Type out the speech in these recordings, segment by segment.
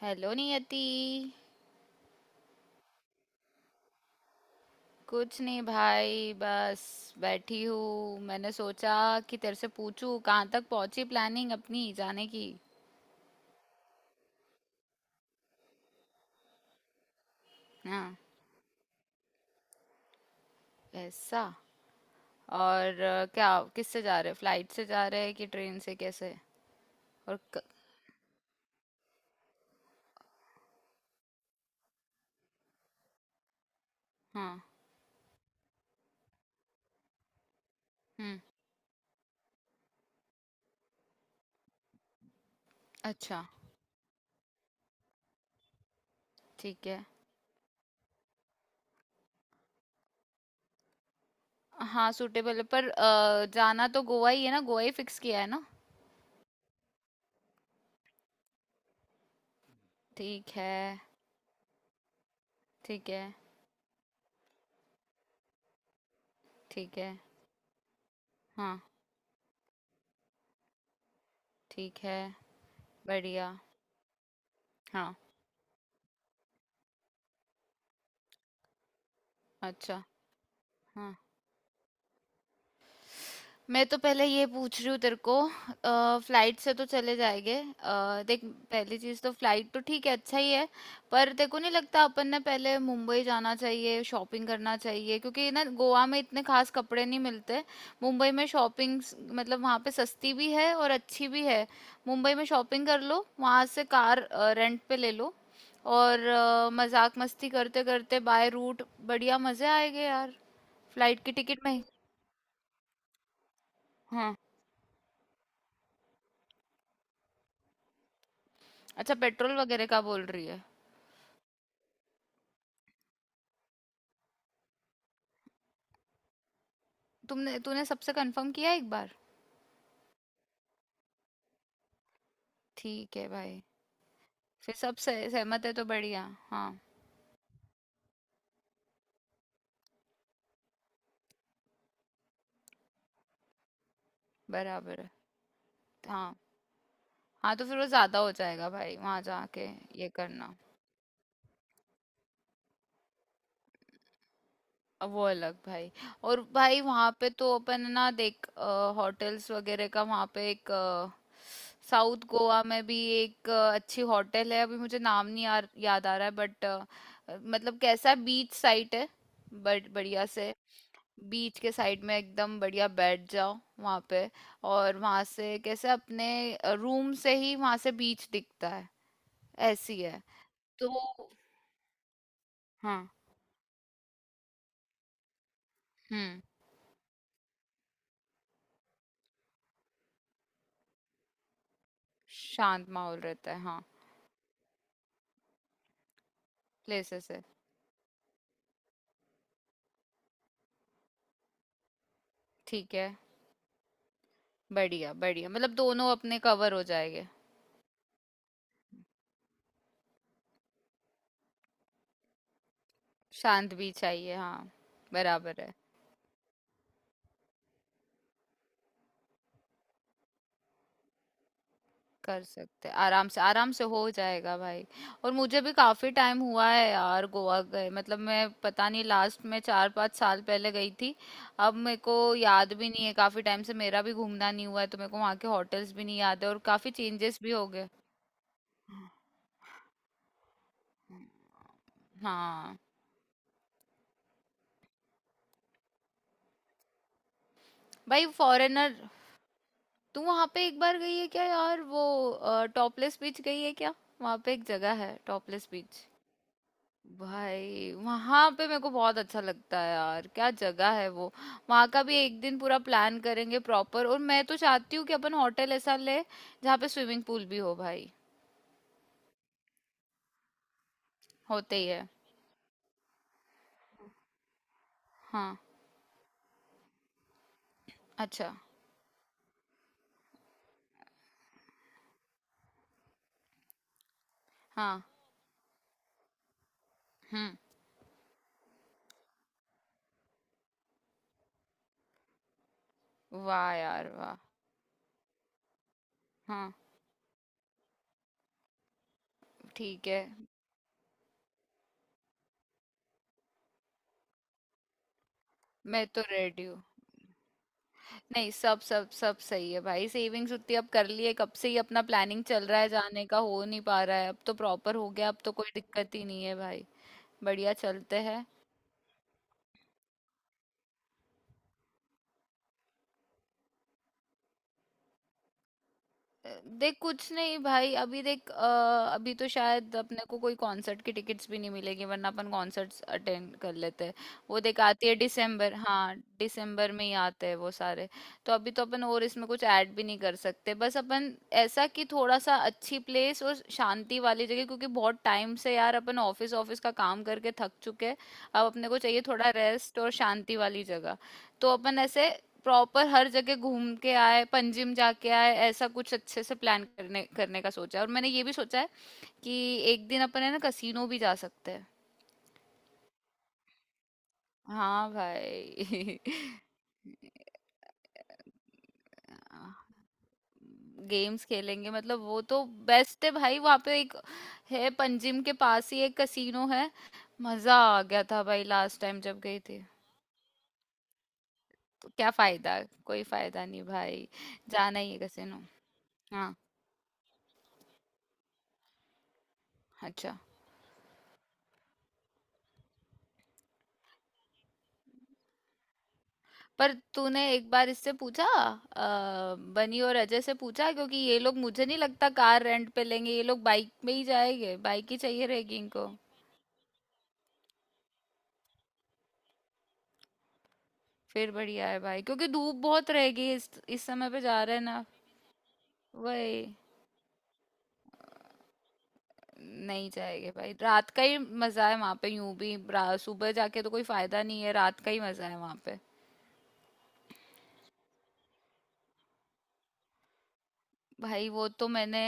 Hello Niyati. कुछ नहीं भाई, बस बैठी हूँ। मैंने सोचा कि तेरे से पूछूं कहाँ तक पहुंची प्लानिंग अपनी जाने की। हाँ, ऐसा? और क्या, किससे जा रहे, फ्लाइट से जा रहे कि ट्रेन से, कैसे? और क, हाँ। हम्म। अच्छा। ठीक है। हाँ, सूटेबल है, पर जाना तो गोवा ही है ना? गोवा ही फिक्स किया है ना? ठीक है। ठीक है। ठीक है। हाँ। ठीक है। बढ़िया। हाँ। अच्छा। हाँ, मैं तो पहले ये पूछ रही हूँ तेरे को। फ्लाइट से तो चले जाएंगे, देख, पहली चीज तो फ्लाइट तो ठीक है, अच्छा ही है। पर तेरे को नहीं लगता अपन ने पहले मुंबई जाना चाहिए, शॉपिंग करना चाहिए, क्योंकि ना गोवा में इतने खास कपड़े नहीं मिलते। मुंबई में शॉपिंग मतलब वहाँ पे सस्ती भी है और अच्छी भी है। मुंबई में शॉपिंग कर लो, वहाँ से कार रेंट पे ले लो। और मजाक मस्ती करते करते बाय रूट, बढ़िया मजे आएंगे यार। फ्लाइट की टिकट में। हाँ। अच्छा, पेट्रोल वगैरह का बोल रही है। तुमने तूने सबसे कंफर्म किया एक बार? ठीक है भाई। फिर सब सहमत है तो बढ़िया। हाँ। बराबर है। हाँ। हाँ तो फिर वो ज्यादा हो जाएगा भाई वहां जाके, ये करना। अब वो अलग भाई। और भाई वहां पे तो अपन है ना, देख, होटल्स वगैरह का वहां पे एक साउथ गोवा में भी एक अच्छी होटल है, अभी मुझे नाम नहीं यार याद आ रहा है, बट मतलब कैसा बीच साइट है। बट बढ़िया से बीच के साइड में एकदम बढ़िया बैठ जाओ वहां पे, और वहां से कैसे अपने रूम से ही वहां से बीच दिखता है। ऐसी है तो। हाँ। हम्म। शांत माहौल रहता है, हाँ। प्लेसेस है। ठीक है। बढ़िया बढ़िया, मतलब दोनों अपने कवर हो जाएंगे। शांत भी चाहिए, हाँ। बराबर है। कर सकते हैं, आराम से, आराम से हो जाएगा भाई। और मुझे भी काफी टाइम हुआ है यार गोवा गए, मतलब मैं पता नहीं लास्ट में चार पाँच साल पहले गई थी। अब मेरे को याद भी नहीं है, काफी टाइम से मेरा भी घूमना नहीं हुआ है, तो मेरे को वहाँ के होटल्स भी नहीं याद है, और काफी चेंजेस भी हो गए। हाँ भाई, फॉरेनर। तू वहाँ पे एक बार गई है क्या यार, वो टॉपलेस बीच गई है क्या? वहाँ पे एक जगह है टॉपलेस बीच। भाई वहां पे मेरे को बहुत अच्छा लगता है यार, क्या जगह है वो। वहां का भी एक दिन पूरा प्लान करेंगे प्रॉपर, और मैं तो चाहती हूँ कि अपन होटल ऐसा ले जहाँ पे स्विमिंग पूल भी हो भाई। होते ही है। हाँ। अच्छा। हाँ। हम्म। वाह यार वाह। हाँ। ठीक है। मैं तो रेडी हूँ। नहीं, सब सब सब सही है भाई। सेविंग्स उतनी अब कर लिए, कब से ही अपना प्लानिंग चल रहा है, जाने का हो नहीं पा रहा है, अब तो प्रॉपर हो गया, अब तो कोई दिक्कत ही नहीं है भाई। बढ़िया, चलते हैं। देख कुछ नहीं भाई, अभी देख अभी तो शायद अपने को कोई कॉन्सर्ट की टिकट्स भी नहीं मिलेगी, वरना अपन कॉन्सर्ट्स अटेंड कर लेते हैं। वो देख आती है दिसंबर, हाँ दिसंबर में ही आते हैं वो सारे। तो अभी तो अपन और इसमें कुछ ऐड भी नहीं कर सकते, बस अपन ऐसा कि थोड़ा सा अच्छी प्लेस और शांति वाली जगह, क्योंकि बहुत टाइम से यार अपन ऑफिस ऑफिस का काम करके थक चुके हैं। अब अपने को चाहिए थोड़ा रेस्ट और शांति वाली जगह। तो अपन ऐसे प्रॉपर हर जगह घूम के आए, पंजिम जाके आए, ऐसा कुछ अच्छे से प्लान करने करने का सोचा है। और मैंने ये भी सोचा है कि एक दिन अपन है ना कसीनो भी जा सकते हैं। हाँ भाई गेम्स खेलेंगे, मतलब वो तो बेस्ट है भाई। वहाँ पे एक है, पंजिम के पास ही एक कसीनो है। मजा आ गया था भाई लास्ट टाइम जब गई थी। तो क्या फायदा। कोई फायदा नहीं भाई। जाना ही है कसीनो। हाँ। अच्छा। पर तूने एक बार इससे पूछा बनी और अजय से पूछा? क्योंकि ये लोग मुझे नहीं लगता कार रेंट पे लेंगे, ये लोग बाइक में ही जाएंगे, बाइक ही चाहिए रहेगी इनको। फिर बढ़िया है भाई, क्योंकि धूप बहुत रहेगी, इस समय पे जा रहे हैं ना। वही। नहीं जाएंगे भाई, रात का ही मजा है वहां पे, यूं भी सुबह जाके तो कोई फायदा नहीं है, रात का ही मजा है वहां पे। भाई वो तो मैंने,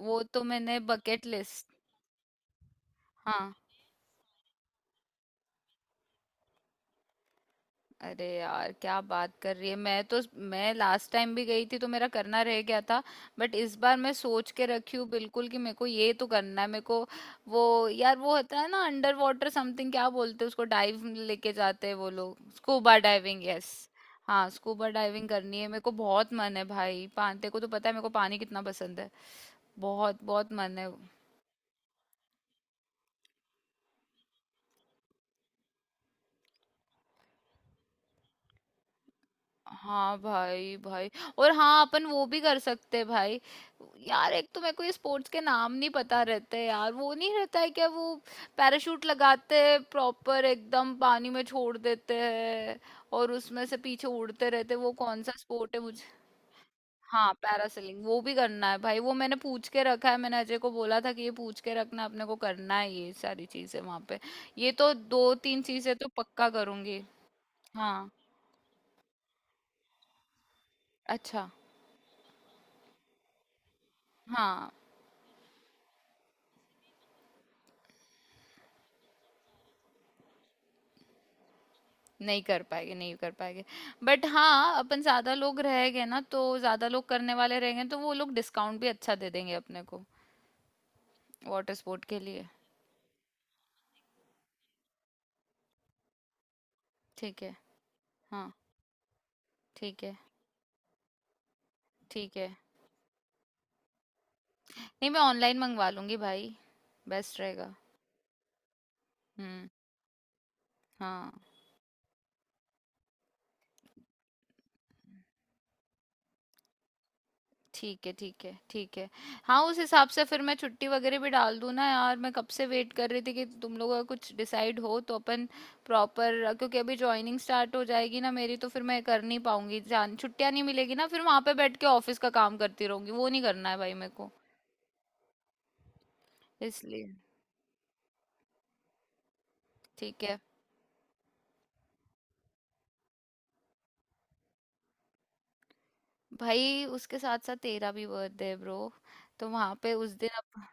वो तो मैंने बकेट लिस्ट। हाँ। अरे यार क्या बात कर रही है, मैं तो, मैं लास्ट टाइम भी गई थी तो मेरा करना रह गया था। बट इस बार मैं सोच के रखी हूँ बिल्कुल कि मेरे को ये तो करना है। मेरे को वो, यार वो होता है ना अंडर वाटर समथिंग, क्या बोलते हैं उसको, डाइव लेके जाते हैं वो लोग, स्कूबा डाइविंग, यस। हाँ, स्कूबा डाइविंग करनी है मेरे को, बहुत मन है भाई, पानी को तो पता है मेरे को पानी कितना पसंद है। बहुत बहुत मन है। हाँ भाई भाई। और हाँ, अपन वो भी कर सकते हैं भाई। यार एक तो मेरे को ये स्पोर्ट्स के नाम नहीं पता रहते यार, वो नहीं रहता है क्या वो, पैराशूट लगाते हैं प्रॉपर, एकदम पानी में छोड़ देते हैं और उसमें से पीछे उड़ते रहते हैं, वो कौन सा स्पोर्ट है मुझे? हाँ पैरासेलिंग, वो भी करना है भाई। वो मैंने पूछ के रखा है, मैंने अजय को बोला था कि ये पूछ के रखना, अपने को करना है ये सारी चीजें वहां पे। ये तो दो तीन चीजें तो पक्का करूंगी। हाँ। अच्छा। हाँ। नहीं कर पाएंगे, नहीं कर पाएंगे। बट हाँ, अपन ज्यादा लोग रहेंगे ना तो ज्यादा लोग करने वाले रहेंगे, तो वो लोग डिस्काउंट भी अच्छा दे देंगे अपने को वाटर स्पोर्ट के लिए। ठीक है। हाँ। ठीक है। ठीक है। नहीं, मैं ऑनलाइन मंगवा लूंगी भाई। बेस्ट रहेगा। हम्म। हाँ। ठीक है। ठीक है। ठीक है। हाँ उस हिसाब से फिर मैं छुट्टी वगैरह भी डाल दूँ ना यार, मैं कब से वेट कर रही थी कि तुम लोगों का कुछ डिसाइड हो तो अपन प्रॉपर, क्योंकि अभी जॉइनिंग स्टार्ट हो जाएगी ना मेरी, तो फिर मैं कर नहीं पाऊंगी जान, छुट्टियाँ नहीं मिलेगी ना, फिर वहाँ पे बैठ के ऑफिस का काम करती रहूंगी, वो नहीं करना है भाई मेरे को, इसलिए। ठीक है। भाई उसके साथ साथ तेरा भी बर्थडे है ब्रो, तो वहाँ पे उस दिन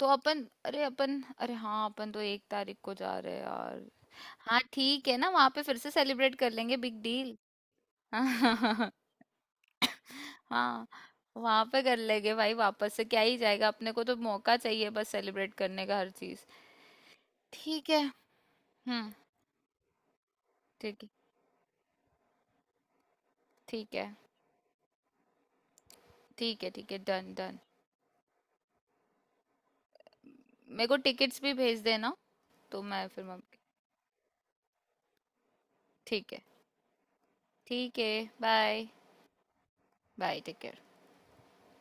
तो अपन, अरे हाँ अपन तो एक तारीख को जा रहे हैं यार। हाँ, ठीक है ना, वहाँ पे फिर से सेलिब्रेट कर लेंगे, बिग डील। हाँ। वहां पे कर लेंगे भाई, वापस से क्या ही जाएगा, अपने को तो मौका चाहिए बस सेलिब्रेट करने का, हर चीज। ठीक है। हम्म। ठीक है। ठीक है। ठीक है। ठीक है, डन डन। मेरे को टिकट्स भी भेज देना। तो मैं फिर ठीक है। ठीक है। बाय। Bye, take care.